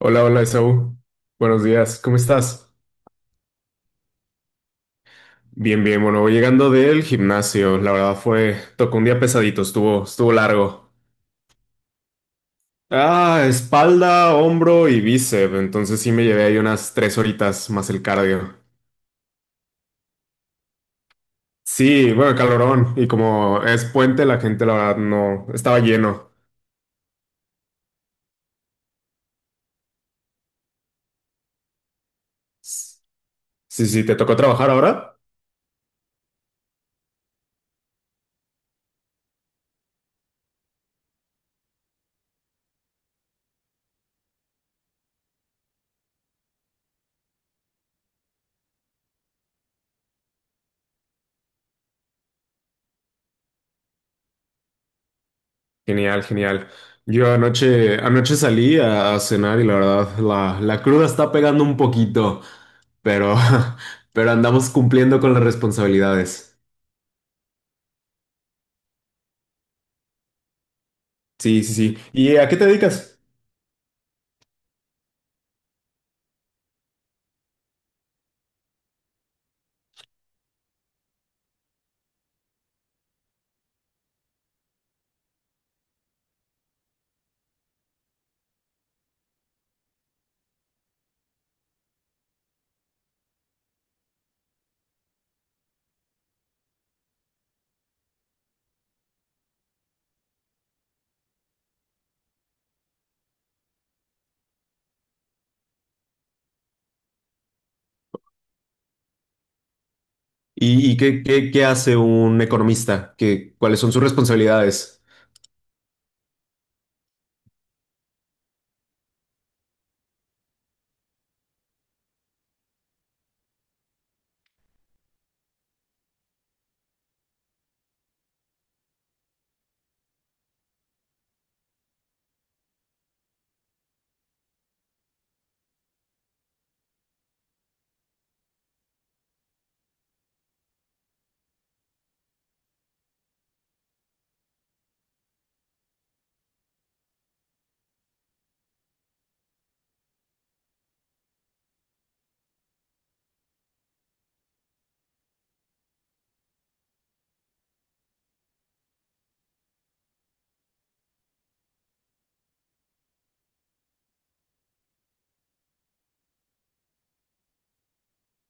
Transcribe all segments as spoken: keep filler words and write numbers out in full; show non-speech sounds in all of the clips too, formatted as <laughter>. Hola, hola, Esaú. Buenos días, ¿cómo estás? Bien, bien, bueno, voy llegando del gimnasio. La verdad fue, tocó un día pesadito, estuvo, estuvo largo. Ah, espalda, hombro y bíceps. Entonces sí me llevé ahí unas tres horitas más el cardio. Sí, bueno, calorón. Y como es puente, la gente, la verdad, no, estaba lleno. Sí, sí, ¿te tocó trabajar ahora? Genial, genial. Yo anoche, anoche salí a, a cenar y la verdad, la, la cruda está pegando un poquito, pero, <laughs> pero andamos cumpliendo con las responsabilidades. Sí, sí, sí. ¿Y a qué te dedicas? ¿Y, y qué, qué, qué hace un economista? ¿Qué, cuáles son sus responsabilidades?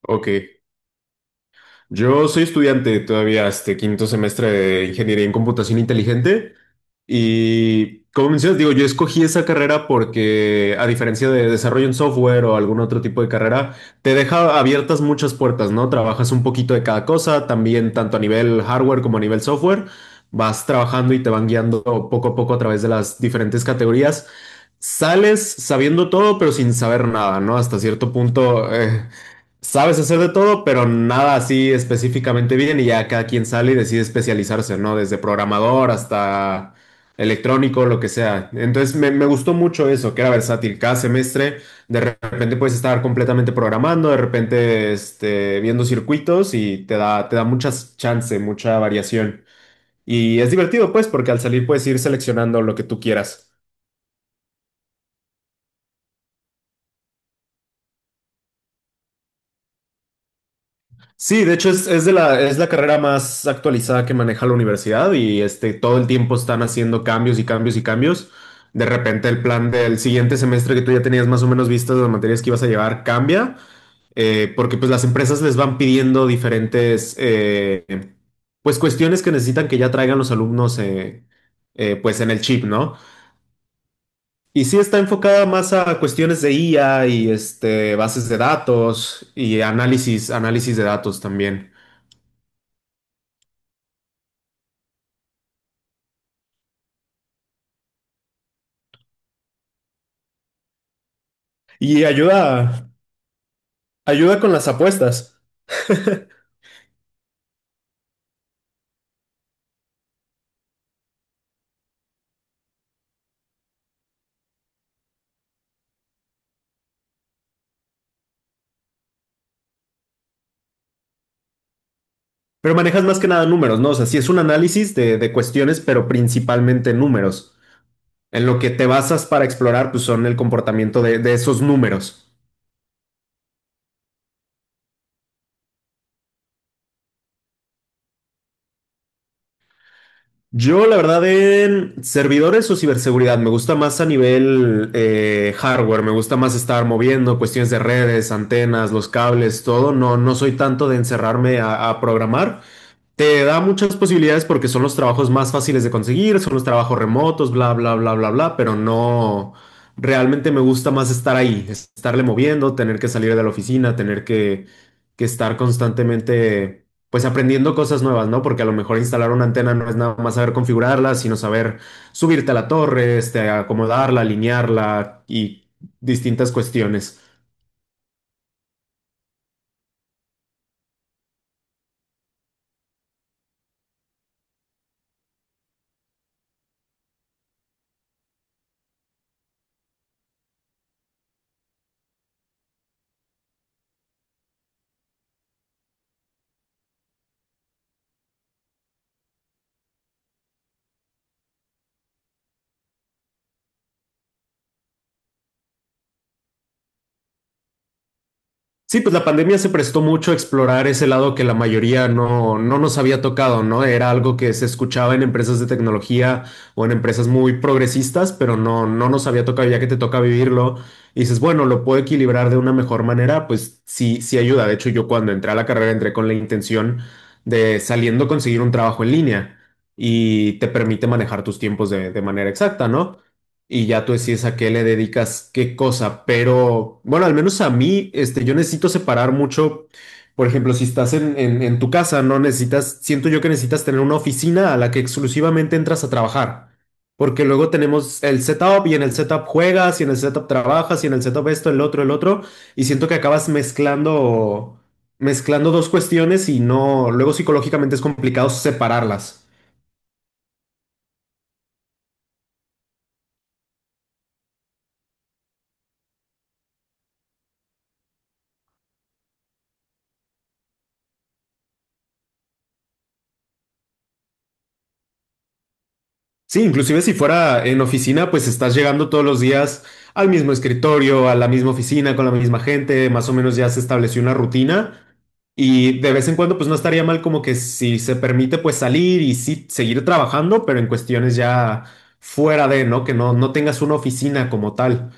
Ok. Yo soy estudiante todavía, este quinto semestre de Ingeniería en Computación Inteligente. Y como mencionas, digo, yo escogí esa carrera porque, a diferencia de desarrollo en software o algún otro tipo de carrera, te deja abiertas muchas puertas, ¿no? Trabajas un poquito de cada cosa, también tanto a nivel hardware como a nivel software. Vas trabajando y te van guiando poco a poco a través de las diferentes categorías. Sales sabiendo todo, pero sin saber nada, ¿no? Hasta cierto punto. eh, Sabes hacer de todo, pero nada así específicamente bien y ya cada quien sale y decide especializarse, ¿no? Desde programador hasta electrónico, lo que sea. Entonces me, me gustó mucho eso, que era versátil. Cada semestre de repente puedes estar completamente programando, de repente este, viendo circuitos y te da, te da muchas chance, mucha variación. Y es divertido, pues, porque al salir puedes ir seleccionando lo que tú quieras. Sí, de hecho es, es de la, es la carrera más actualizada que maneja la universidad y este, todo el tiempo están haciendo cambios y cambios y cambios. De repente el plan del siguiente semestre que tú ya tenías más o menos vistas de las materias que ibas a llevar cambia, eh, porque pues las empresas les van pidiendo diferentes eh, pues cuestiones que necesitan que ya traigan los alumnos eh, eh, pues en el chip, ¿no? Y sí está enfocada más a cuestiones de I A y este, bases de datos y análisis, análisis de datos también. Y ayuda, ayuda con las apuestas. <laughs> Pero manejas más que nada números, ¿no? O sea, sí es un análisis de, de cuestiones, pero principalmente números. En lo que te basas para explorar, pues son el comportamiento de, de esos números. Yo, la verdad, en servidores o ciberseguridad, me gusta más a nivel eh, hardware, me gusta más estar moviendo cuestiones de redes, antenas, los cables, todo. No, no soy tanto de encerrarme a, a programar. Te da muchas posibilidades porque son los trabajos más fáciles de conseguir, son los trabajos remotos, bla, bla, bla, bla, bla, pero no, realmente me gusta más estar ahí, estarle moviendo, tener que salir de la oficina, tener que, que estar constantemente, pues aprendiendo cosas nuevas, ¿no? Porque a lo mejor instalar una antena no es nada más saber configurarla, sino saber subirte a la torre, este, acomodarla, alinearla y distintas cuestiones. Sí, pues la pandemia se prestó mucho a explorar ese lado que la mayoría no, no nos había tocado, ¿no? Era algo que se escuchaba en empresas de tecnología o en empresas muy progresistas, pero no, no nos había tocado, ya que te toca vivirlo. Y dices, bueno, lo puedo equilibrar de una mejor manera, pues sí, sí ayuda. De hecho, yo cuando entré a la carrera entré con la intención de saliendo conseguir un trabajo en línea y te permite manejar tus tiempos de, de manera exacta, ¿no? Y ya tú decides a qué le dedicas qué cosa, pero bueno, al menos a mí, este, yo necesito separar mucho, por ejemplo, si estás en, en- en tu casa, no necesitas, siento yo que necesitas tener una oficina a la que exclusivamente entras a trabajar, porque luego tenemos el setup y en el setup juegas y en el setup trabajas y en el setup esto, el otro, el otro, y siento que acabas mezclando, mezclando dos cuestiones y no, luego psicológicamente es complicado separarlas. Sí, inclusive si fuera en oficina, pues estás llegando todos los días al mismo escritorio, a la misma oficina, con la misma gente, más o menos ya se estableció una rutina y de vez en cuando pues no estaría mal como que si se permite pues salir y sí seguir trabajando, pero en cuestiones ya fuera de, ¿no? Que no, no tengas una oficina como tal.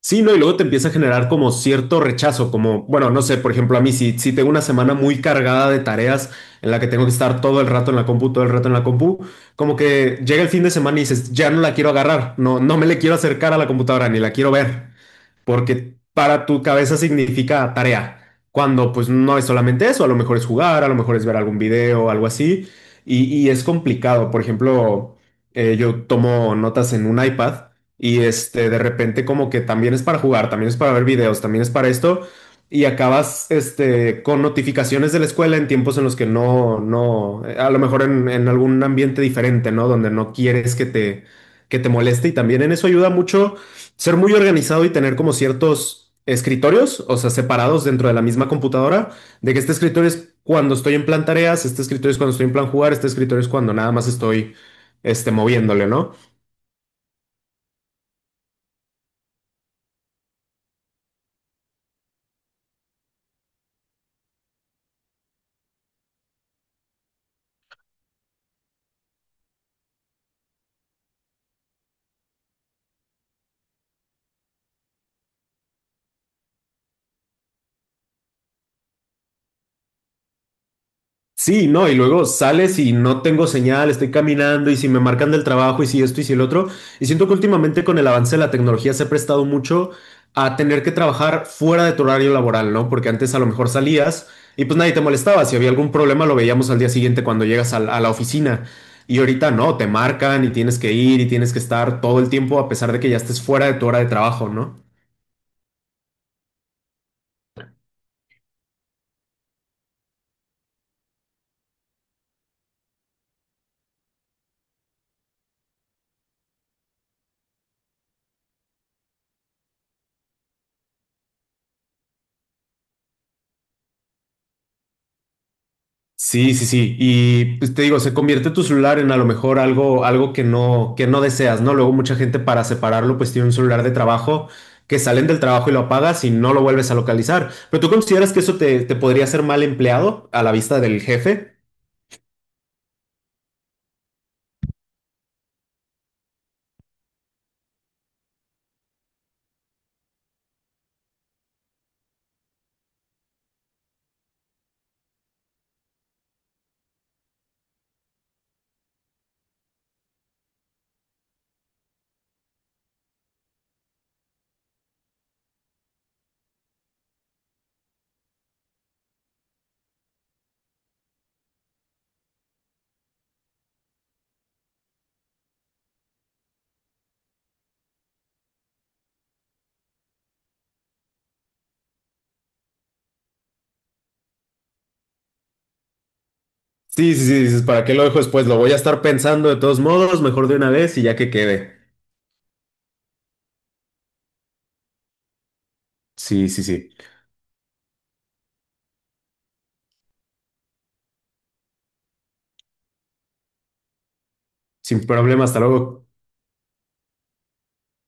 Sí, ¿no? Y luego te empieza a generar como cierto rechazo, como, bueno, no sé, por ejemplo, a mí si, si tengo una semana muy cargada de tareas en la que tengo que estar todo el rato en la compu, todo el rato en la compu, como que llega el fin de semana y dices, ya no la quiero agarrar, no, no me le quiero acercar a la computadora, ni la quiero ver porque para tu cabeza significa tarea, cuando pues no es solamente eso, a lo mejor es jugar, a lo mejor es ver algún video, algo así, y, y es complicado. Por ejemplo, eh, yo tomo notas en un iPad y este, de repente como que también es para jugar, también es para ver videos, también es para esto, y acabas este, con notificaciones de la escuela en tiempos en los que no, no, eh, a lo mejor en, en algún ambiente diferente, ¿no? Donde no quieres que te, que te moleste y también en eso ayuda mucho ser muy organizado y tener como ciertos escritorios, o sea, separados dentro de la misma computadora, de que este escritorio es cuando estoy en plan tareas, este escritorio es cuando estoy en plan jugar, este escritorio es cuando nada más estoy este, moviéndole, ¿no? Sí, no, y luego sales y no tengo señal, estoy caminando y si me marcan del trabajo y si esto y si el otro. Y siento que últimamente con el avance de la tecnología se ha prestado mucho a tener que trabajar fuera de tu horario laboral, ¿no? Porque antes a lo mejor salías y pues nadie te molestaba. Si había algún problema lo veíamos al día siguiente cuando llegas al- a la oficina. Y ahorita no, te marcan y tienes que ir y tienes que estar todo el tiempo a pesar de que ya estés fuera de tu hora de trabajo, ¿no? Sí, sí, sí. Y pues, te digo, se convierte tu celular en a lo mejor algo, algo que no, que no deseas, ¿no? Luego mucha gente para separarlo, pues tiene un celular de trabajo que salen del trabajo y lo apagas y no lo vuelves a localizar. ¿Pero tú consideras que eso te, te podría ser mal empleado a la vista del jefe? Sí, sí, sí, dices, ¿para qué lo dejo después? Lo voy a estar pensando de todos modos, mejor de una vez y ya que quede. Sí, sí, sí. Sin problema, hasta luego.